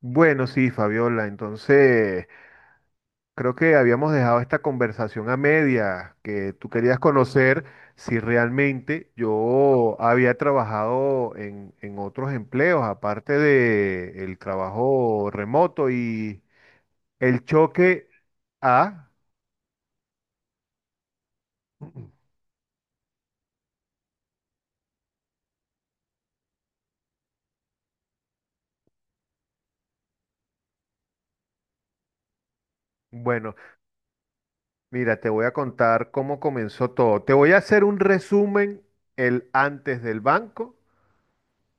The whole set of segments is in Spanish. Bueno, sí, Fabiola, entonces creo que habíamos dejado esta conversación a media, que tú querías conocer si realmente yo había trabajado en otros empleos, aparte de el trabajo remoto y el choque a... Bueno, mira, te voy a contar cómo comenzó todo. Te voy a hacer un resumen, el antes del banco.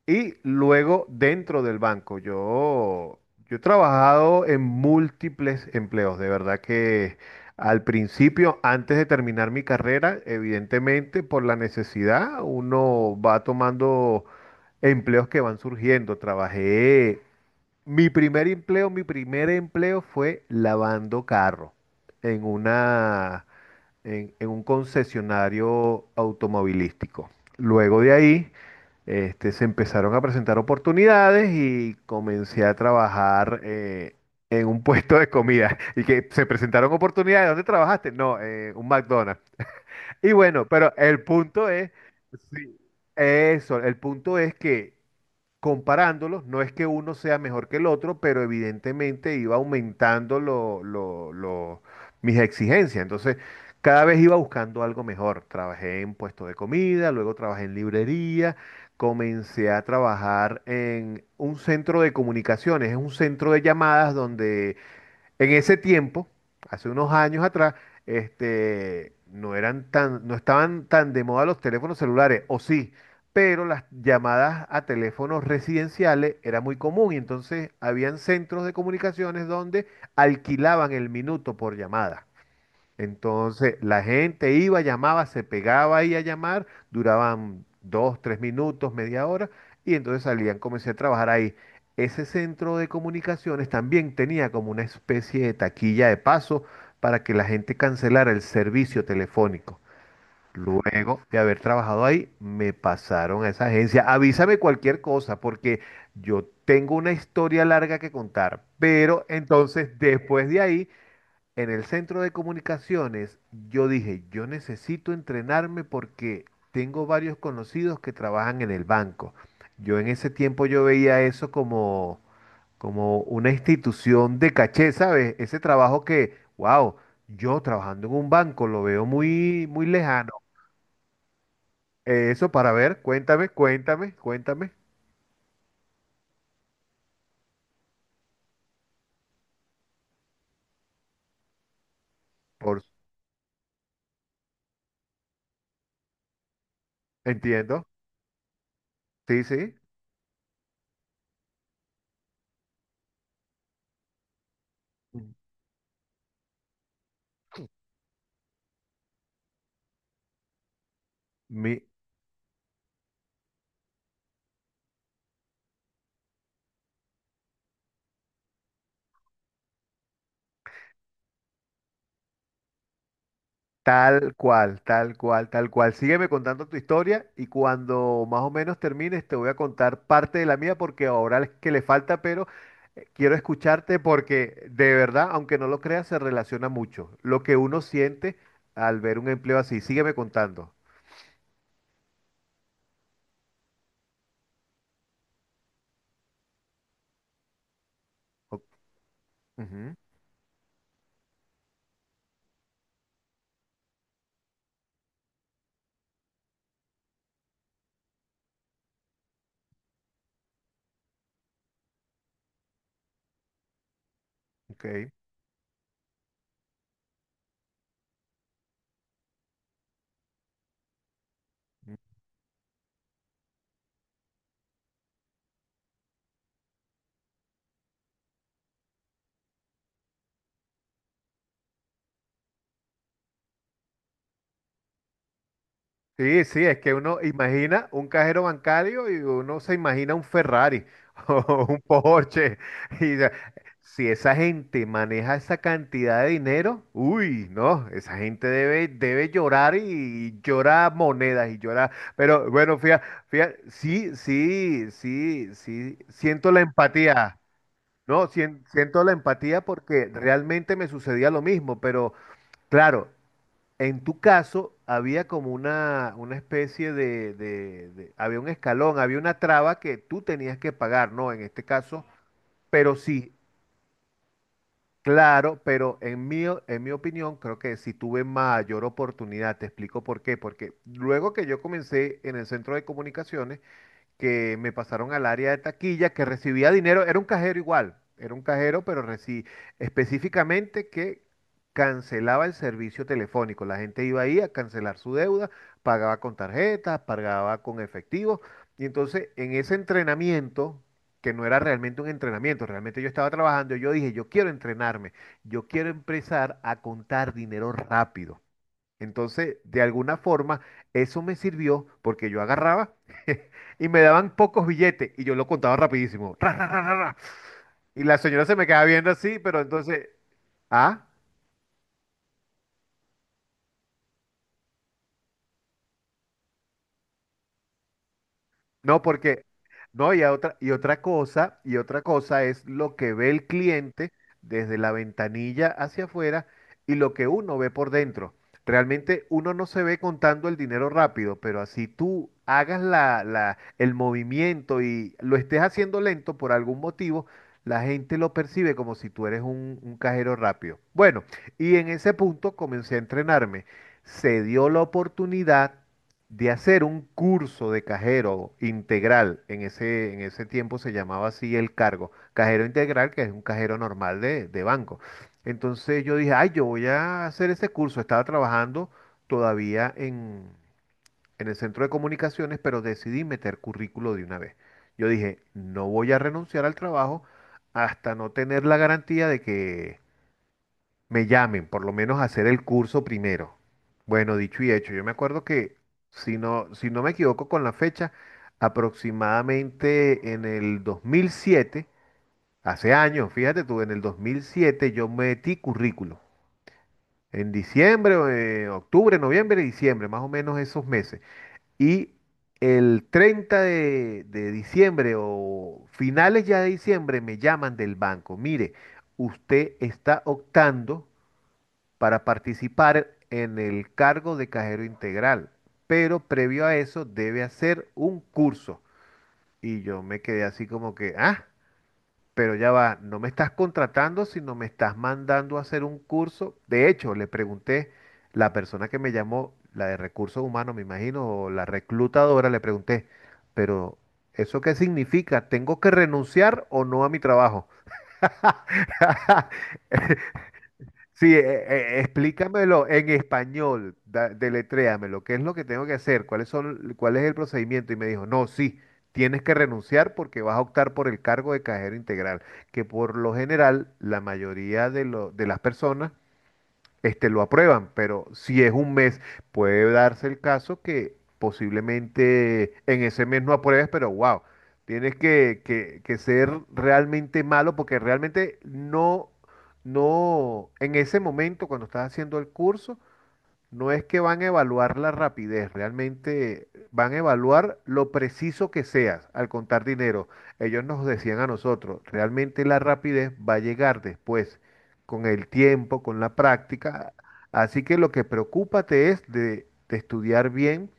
Y luego dentro del banco, yo he trabajado en múltiples empleos, de verdad que al principio, antes de terminar mi carrera, evidentemente por la necesidad, uno va tomando empleos que van surgiendo. Trabajé, mi primer empleo fue lavando carro en una en un concesionario automovilístico. Luego de ahí, se empezaron a presentar oportunidades y comencé a trabajar en un puesto de comida. Y que se presentaron oportunidades. ¿Dónde trabajaste? No, un McDonald's. Y bueno, pero el punto es, sí, eso, el punto es que comparándolos, no es que uno sea mejor que el otro, pero evidentemente iba aumentando mis exigencias. Entonces, cada vez iba buscando algo mejor. Trabajé en puesto de comida, luego trabajé en librería, comencé a trabajar en un centro de comunicaciones, es un centro de llamadas donde en ese tiempo, hace unos años atrás, no eran tan, no estaban tan de moda los teléfonos celulares, o sí, pero las llamadas a teléfonos residenciales era muy común y entonces habían centros de comunicaciones donde alquilaban el minuto por llamada. Entonces la gente iba, llamaba, se pegaba ahí a llamar, duraban dos, tres minutos, media hora, y entonces salían, comencé a trabajar ahí. Ese centro de comunicaciones también tenía como una especie de taquilla de paso para que la gente cancelara el servicio telefónico. Luego de haber trabajado ahí, me pasaron a esa agencia. Avísame cualquier cosa, porque yo tengo una historia larga que contar. Pero entonces, después de ahí, en el centro de comunicaciones, yo dije, yo necesito entrenarme porque tengo varios conocidos que trabajan en el banco. Yo en ese tiempo yo veía eso como, como una institución de caché, ¿sabes? Ese trabajo que, wow, yo trabajando en un banco lo veo muy, muy lejano. Eso para ver, cuéntame, cuéntame, cuéntame. Por, entiendo. Sí, sí. Mi, tal cual, tal cual, tal cual. Sígueme contando tu historia y cuando más o menos termines te voy a contar parte de la mía porque ahora es que le falta, pero quiero escucharte porque de verdad, aunque no lo creas, se relaciona mucho lo que uno siente al ver un empleo así. Sígueme contando. O- ujú, ok. Sí, sí, es que uno imagina un cajero bancario y uno se imagina un Ferrari o un Porsche. Y ya, si esa gente maneja esa cantidad de dinero, uy, no, esa gente debe, debe llorar y, llora monedas y llora. Pero bueno, fíjate, fíjate, sí, sí, sí, sí, siento la empatía. No, sien- siento la empatía porque realmente me sucedía lo mismo, pero claro. En tu caso, había como una especie de- había un escalón, había una traba que tú tenías que pagar, ¿no? En este caso, pero sí, claro, pero en mi, o- en mi opinión, creo que sí tuve mayor oportunidad. Te explico por qué. Porque luego que yo comencé en el centro de comunicaciones, que me pasaron al área de taquilla, que recibía dinero, era un cajero igual, era un cajero, pero reci- específicamente que cancelaba el servicio telefónico. La gente iba ahí a cancelar su deuda, pagaba con tarjetas, pagaba con efectivo. Y entonces en ese entrenamiento, que no era realmente un entrenamiento, realmente yo estaba trabajando, yo dije, yo quiero entrenarme, yo quiero empezar a contar dinero rápido. Entonces, de alguna forma, eso me sirvió porque yo agarraba y me daban pocos billetes y yo lo contaba rapidísimo. Ra, ra, ra, ra, ra. Y la señora se me quedaba viendo así, pero entonces, ¿ah? No, porque, no, y a otra, y otra cosa es lo que ve el cliente desde la ventanilla hacia afuera y lo que uno ve por dentro. Realmente uno no se ve contando el dinero rápido, pero así tú hagas la, la- el movimiento y lo estés haciendo lento por algún motivo, la gente lo percibe como si tú eres un cajero rápido. Bueno, y en ese punto comencé a entrenarme. Se dio la oportunidad de hacer un curso de cajero integral, en ese tiempo se llamaba así el cargo, cajero integral, que es un cajero normal de banco. Entonces yo dije, ay, yo voy a hacer ese curso. Estaba trabajando todavía en el centro de comunicaciones, pero decidí meter currículo de una vez. Yo dije, no voy a renunciar al trabajo hasta no tener la garantía de que me llamen, por lo menos hacer el curso primero. Bueno, dicho y hecho, yo me acuerdo que, si no, si no me equivoco con la fecha, aproximadamente en el 2007, hace años, fíjate tú, en el 2007 yo metí currículo. En diciembre, o, octubre, noviembre, diciembre, más o menos esos meses. Y el 30 de diciembre o finales ya de diciembre me llaman del banco. Mire, usted está optando para participar en el cargo de cajero integral, pero previo a eso debe hacer un curso. Y yo me quedé así como que, ah, pero ya va, no me estás contratando, sino me estás mandando a hacer un curso. De hecho, le pregunté, la persona que me llamó, la de recursos humanos, me imagino, o la reclutadora, le pregunté, pero ¿eso qué significa? ¿Tengo que renunciar o no a mi trabajo? Sí, explícamelo en español, da- deletréamelo, ¿qué es lo que tengo que hacer? ¿Cuáles son, cuál es el procedimiento? Y me dijo, no, sí, tienes que renunciar porque vas a optar por el cargo de cajero integral, que por lo general la mayoría de, lo- de las personas lo aprueban, pero si es un mes, puede darse el caso que posiblemente en ese mes no apruebes, pero wow, tienes que ser realmente malo porque realmente no, no, en ese momento cuando estás haciendo el curso, no es que van a evaluar la rapidez, realmente van a evaluar lo preciso que seas al contar dinero. Ellos nos decían a nosotros, realmente la rapidez va a llegar después, con el tiempo, con la práctica. Así que lo que preocúpate es de estudiar bien,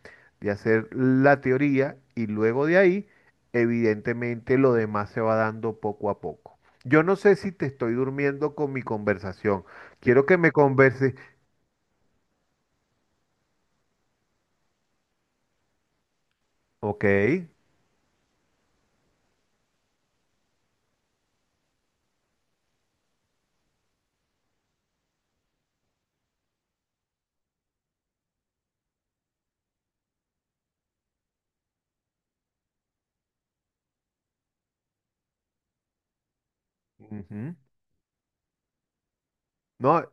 de hacer la teoría y luego de ahí, evidentemente lo demás se va dando poco a poco. Yo no sé si te estoy durmiendo con mi conversación. Quiero que me converses. Ok. Ujú. No,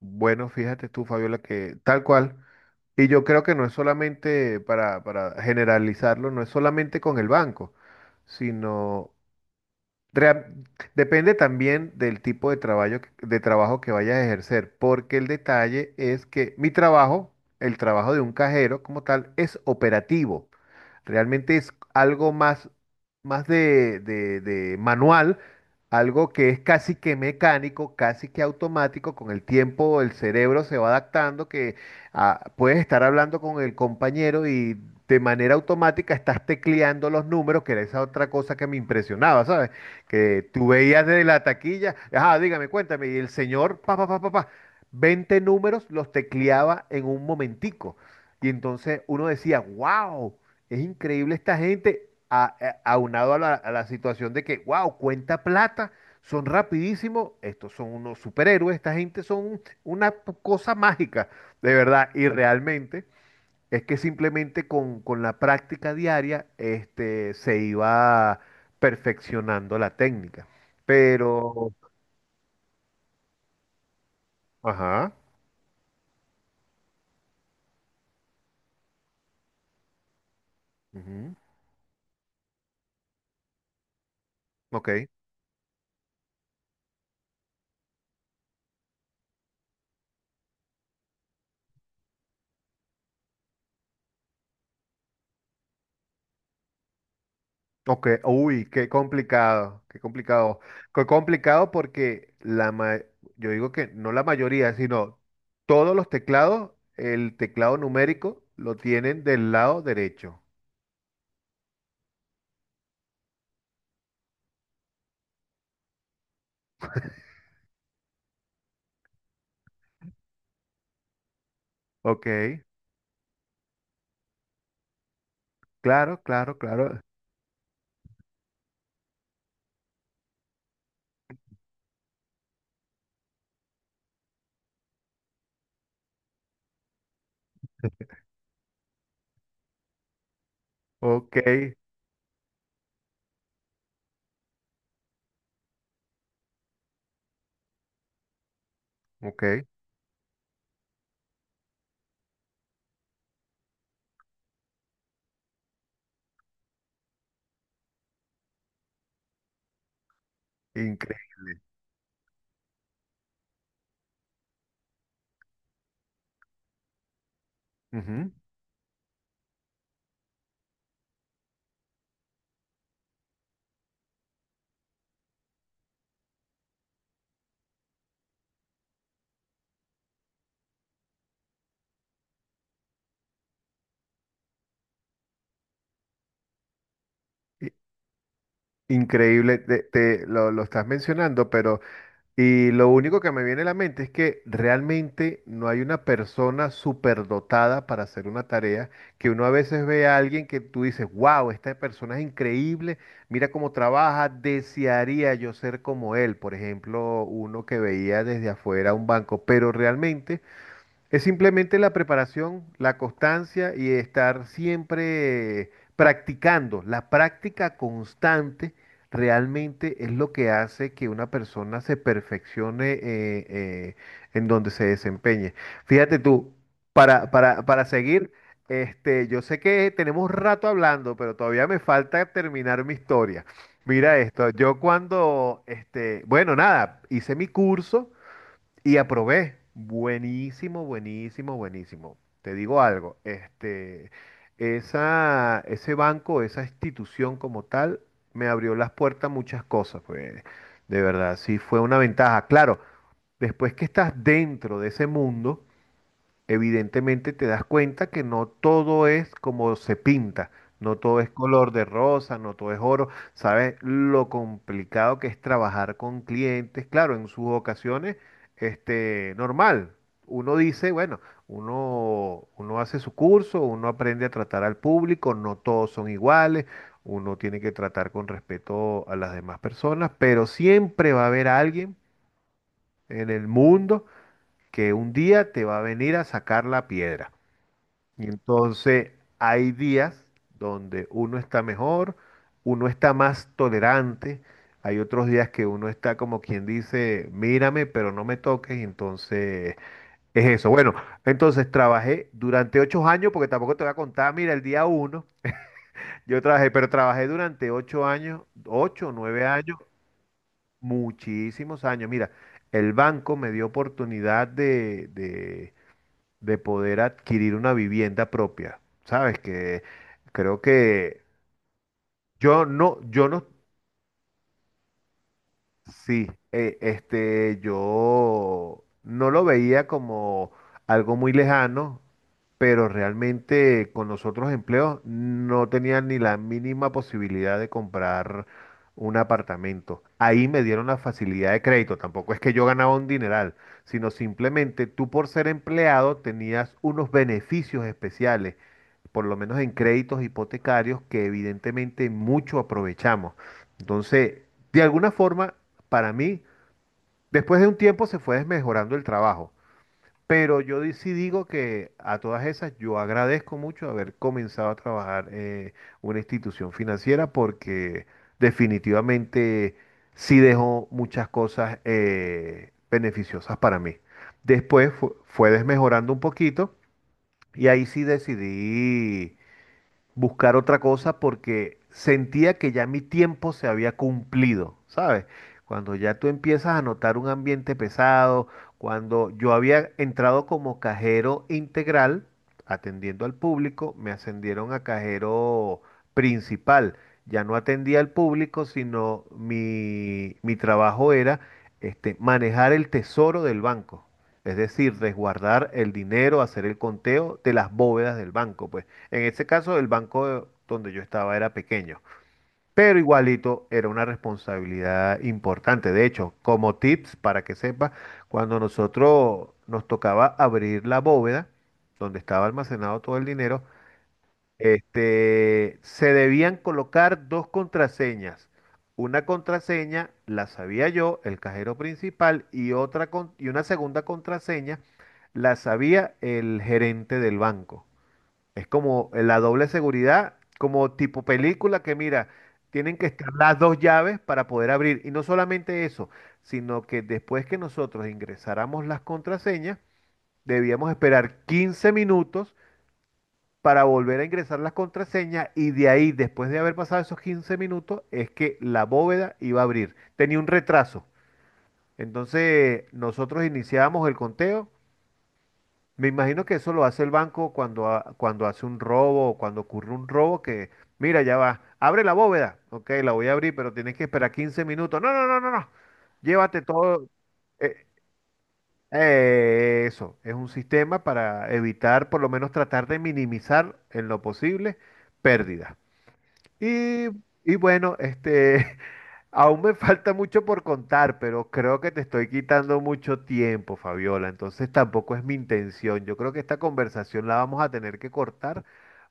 bueno, fíjate tú, Fabiola, que tal cual. Y yo creo que no es solamente, para generalizarlo, no es solamente con el banco, sino Rea- depende también del tipo de trabajo que vayas a ejercer, porque el detalle es que mi trabajo, el trabajo de un cajero como tal, es operativo. Realmente es algo más, más de manual, algo que es casi que mecánico, casi que automático. Con el tiempo el cerebro se va adaptando, que ah, puedes estar hablando con el compañero y de manera automática estás tecleando los números, que era esa otra cosa que me impresionaba, ¿sabes? Que tú veías de la taquilla, ajá, dígame, cuéntame, y el señor, pa, pa, pa, pa, pa, 20 números los tecleaba en un momentico. Y entonces uno decía, wow, es increíble esta gente, a- aunado a la situación de que, wow, cuenta plata, son rapidísimos, estos son unos superhéroes, esta gente son una cosa mágica, de verdad, y realmente. Es que simplemente con la práctica diaria, se iba perfeccionando la técnica. Pero, ajá, ujú, ok, ok, uy, qué complicado, qué complicado. Qué complicado porque la ma- yo digo que no la mayoría, sino todos los teclados, el teclado numérico lo tienen del lado derecho. Ok, claro, claro, claro. Ok, ok, increíble. Ujú. Increíble, te- lo estás mencionando, pero y lo único que me viene a la mente es que realmente no hay una persona superdotada para hacer una tarea, que uno a veces ve a alguien que tú dices, wow, esta persona es increíble, mira cómo trabaja, desearía yo ser como él, por ejemplo, uno que veía desde afuera un banco, pero realmente es simplemente la preparación, la constancia y estar siempre practicando. La práctica constante realmente es lo que hace que una persona se perfeccione eh, en donde se desempeñe. Fíjate tú, para seguir, yo sé que tenemos rato hablando, pero todavía me falta terminar mi historia. Mira esto, yo cuando, bueno, nada, hice mi curso. Y aprobé. Buenísimo, buenísimo, buenísimo. Te digo algo, esa, ese banco, esa institución como tal, me abrió las puertas a muchas cosas, pues, de verdad, sí fue una ventaja. Claro, después que estás dentro de ese mundo, evidentemente te das cuenta que no todo es como se pinta, no todo es color de rosa, no todo es oro. Sabes lo complicado que es trabajar con clientes, claro, en sus ocasiones, normal. Uno dice, bueno, uno hace su curso, uno aprende a tratar al público, no todos son iguales, uno tiene que tratar con respeto a las demás personas, pero siempre va a haber alguien en el mundo que un día te va a venir a sacar la piedra. Y entonces hay días donde uno está mejor, uno está más tolerante, hay otros días que uno está como quien dice, mírame, pero no me toques, y entonces es eso. Bueno, entonces trabajé durante 8 años, porque tampoco te voy a contar, mira, el día uno yo trabajé, pero trabajé durante 8 años, 8, o 9 años, muchísimos años. Mira, el banco me dio oportunidad de poder adquirir una vivienda propia. Sabes que creo que yo no, yo no, sí, yo no lo veía como algo muy lejano, pero realmente con los otros empleos no tenía ni la mínima posibilidad de comprar un apartamento. Ahí me dieron la facilidad de crédito, tampoco es que yo ganaba un dineral, sino simplemente tú por ser empleado tenías unos beneficios especiales, por lo menos en créditos hipotecarios que evidentemente mucho aprovechamos. Entonces, de alguna forma, para mí, después de un tiempo se fue desmejorando el trabajo. Pero sí digo que a todas esas yo agradezco mucho haber comenzado a trabajar en una institución financiera porque definitivamente sí dejó muchas cosas beneficiosas para mí. Después fue desmejorando un poquito y ahí sí decidí buscar otra cosa porque sentía que ya mi tiempo se había cumplido, ¿sabes? Cuando ya tú empiezas a notar un ambiente pesado, cuando yo había entrado como cajero integral, atendiendo al público, me ascendieron a cajero principal. Ya no atendía al público, sino mi trabajo era manejar el tesoro del banco. Es decir, resguardar el dinero, hacer el conteo de las bóvedas del banco, pues. En ese caso, el banco donde yo estaba era pequeño, pero igualito era una responsabilidad importante. De hecho, como tips para que sepas, cuando nosotros nos tocaba abrir la bóveda donde estaba almacenado todo el dinero, se debían colocar dos contraseñas. Una contraseña la sabía yo, el cajero principal, y y una segunda contraseña la sabía el gerente del banco. Es como la doble seguridad, como tipo película que mira, tienen que estar las dos llaves para poder abrir. Y no solamente eso, sino que después que nosotros ingresáramos las contraseñas, debíamos esperar 15 minutos para volver a ingresar las contraseñas y de ahí, después de haber pasado esos 15 minutos, es que la bóveda iba a abrir. Tenía un retraso. Entonces nosotros iniciábamos el conteo. Me imagino que eso lo hace el banco cuando, cuando hace un robo o cuando ocurre un robo que, mira, ya va, abre la bóveda, ok, la voy a abrir, pero tienes que esperar 15 minutos. No, no, no, no, no, llévate todo. Eh, eso, es un sistema para evitar, por lo menos tratar de minimizar en lo posible pérdidas. Y, y bueno, aún me falta mucho por contar, pero creo que te estoy quitando mucho tiempo, Fabiola. Entonces tampoco es mi intención. Yo creo que esta conversación la vamos a tener que cortar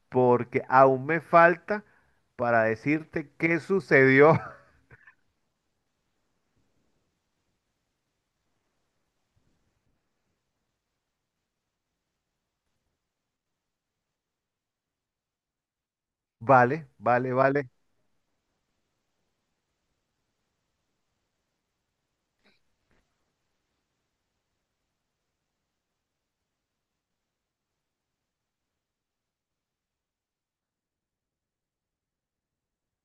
porque aún me falta para decirte qué sucedió. Vale, vale, vale.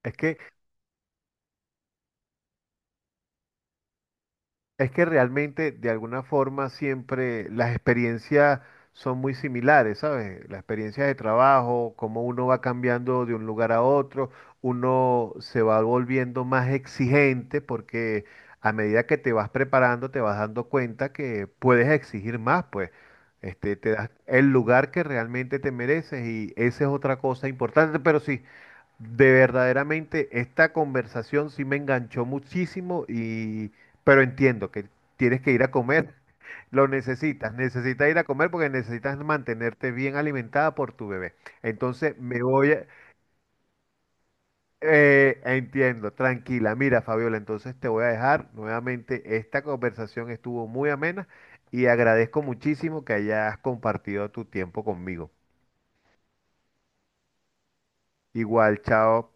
Es que Es que realmente, de alguna forma, siempre las experiencias son muy similares, ¿sabes? Las experiencias de trabajo, cómo uno va cambiando de un lugar a otro, uno se va volviendo más exigente porque a medida que te vas preparando, te vas dando cuenta que puedes exigir más, pues. Te das el lugar que realmente te mereces y esa es otra cosa importante, pero sí. De verdaderamente esta conversación sí me enganchó muchísimo y pero entiendo que tienes que ir a comer. Lo necesitas, necesitas ir a comer porque necesitas mantenerte bien alimentada por tu bebé. Entonces me voy a... entiendo, tranquila. Mira, Fabiola, entonces te voy a dejar nuevamente. Esta conversación estuvo muy amena y agradezco muchísimo que hayas compartido tu tiempo conmigo. Igual, chao.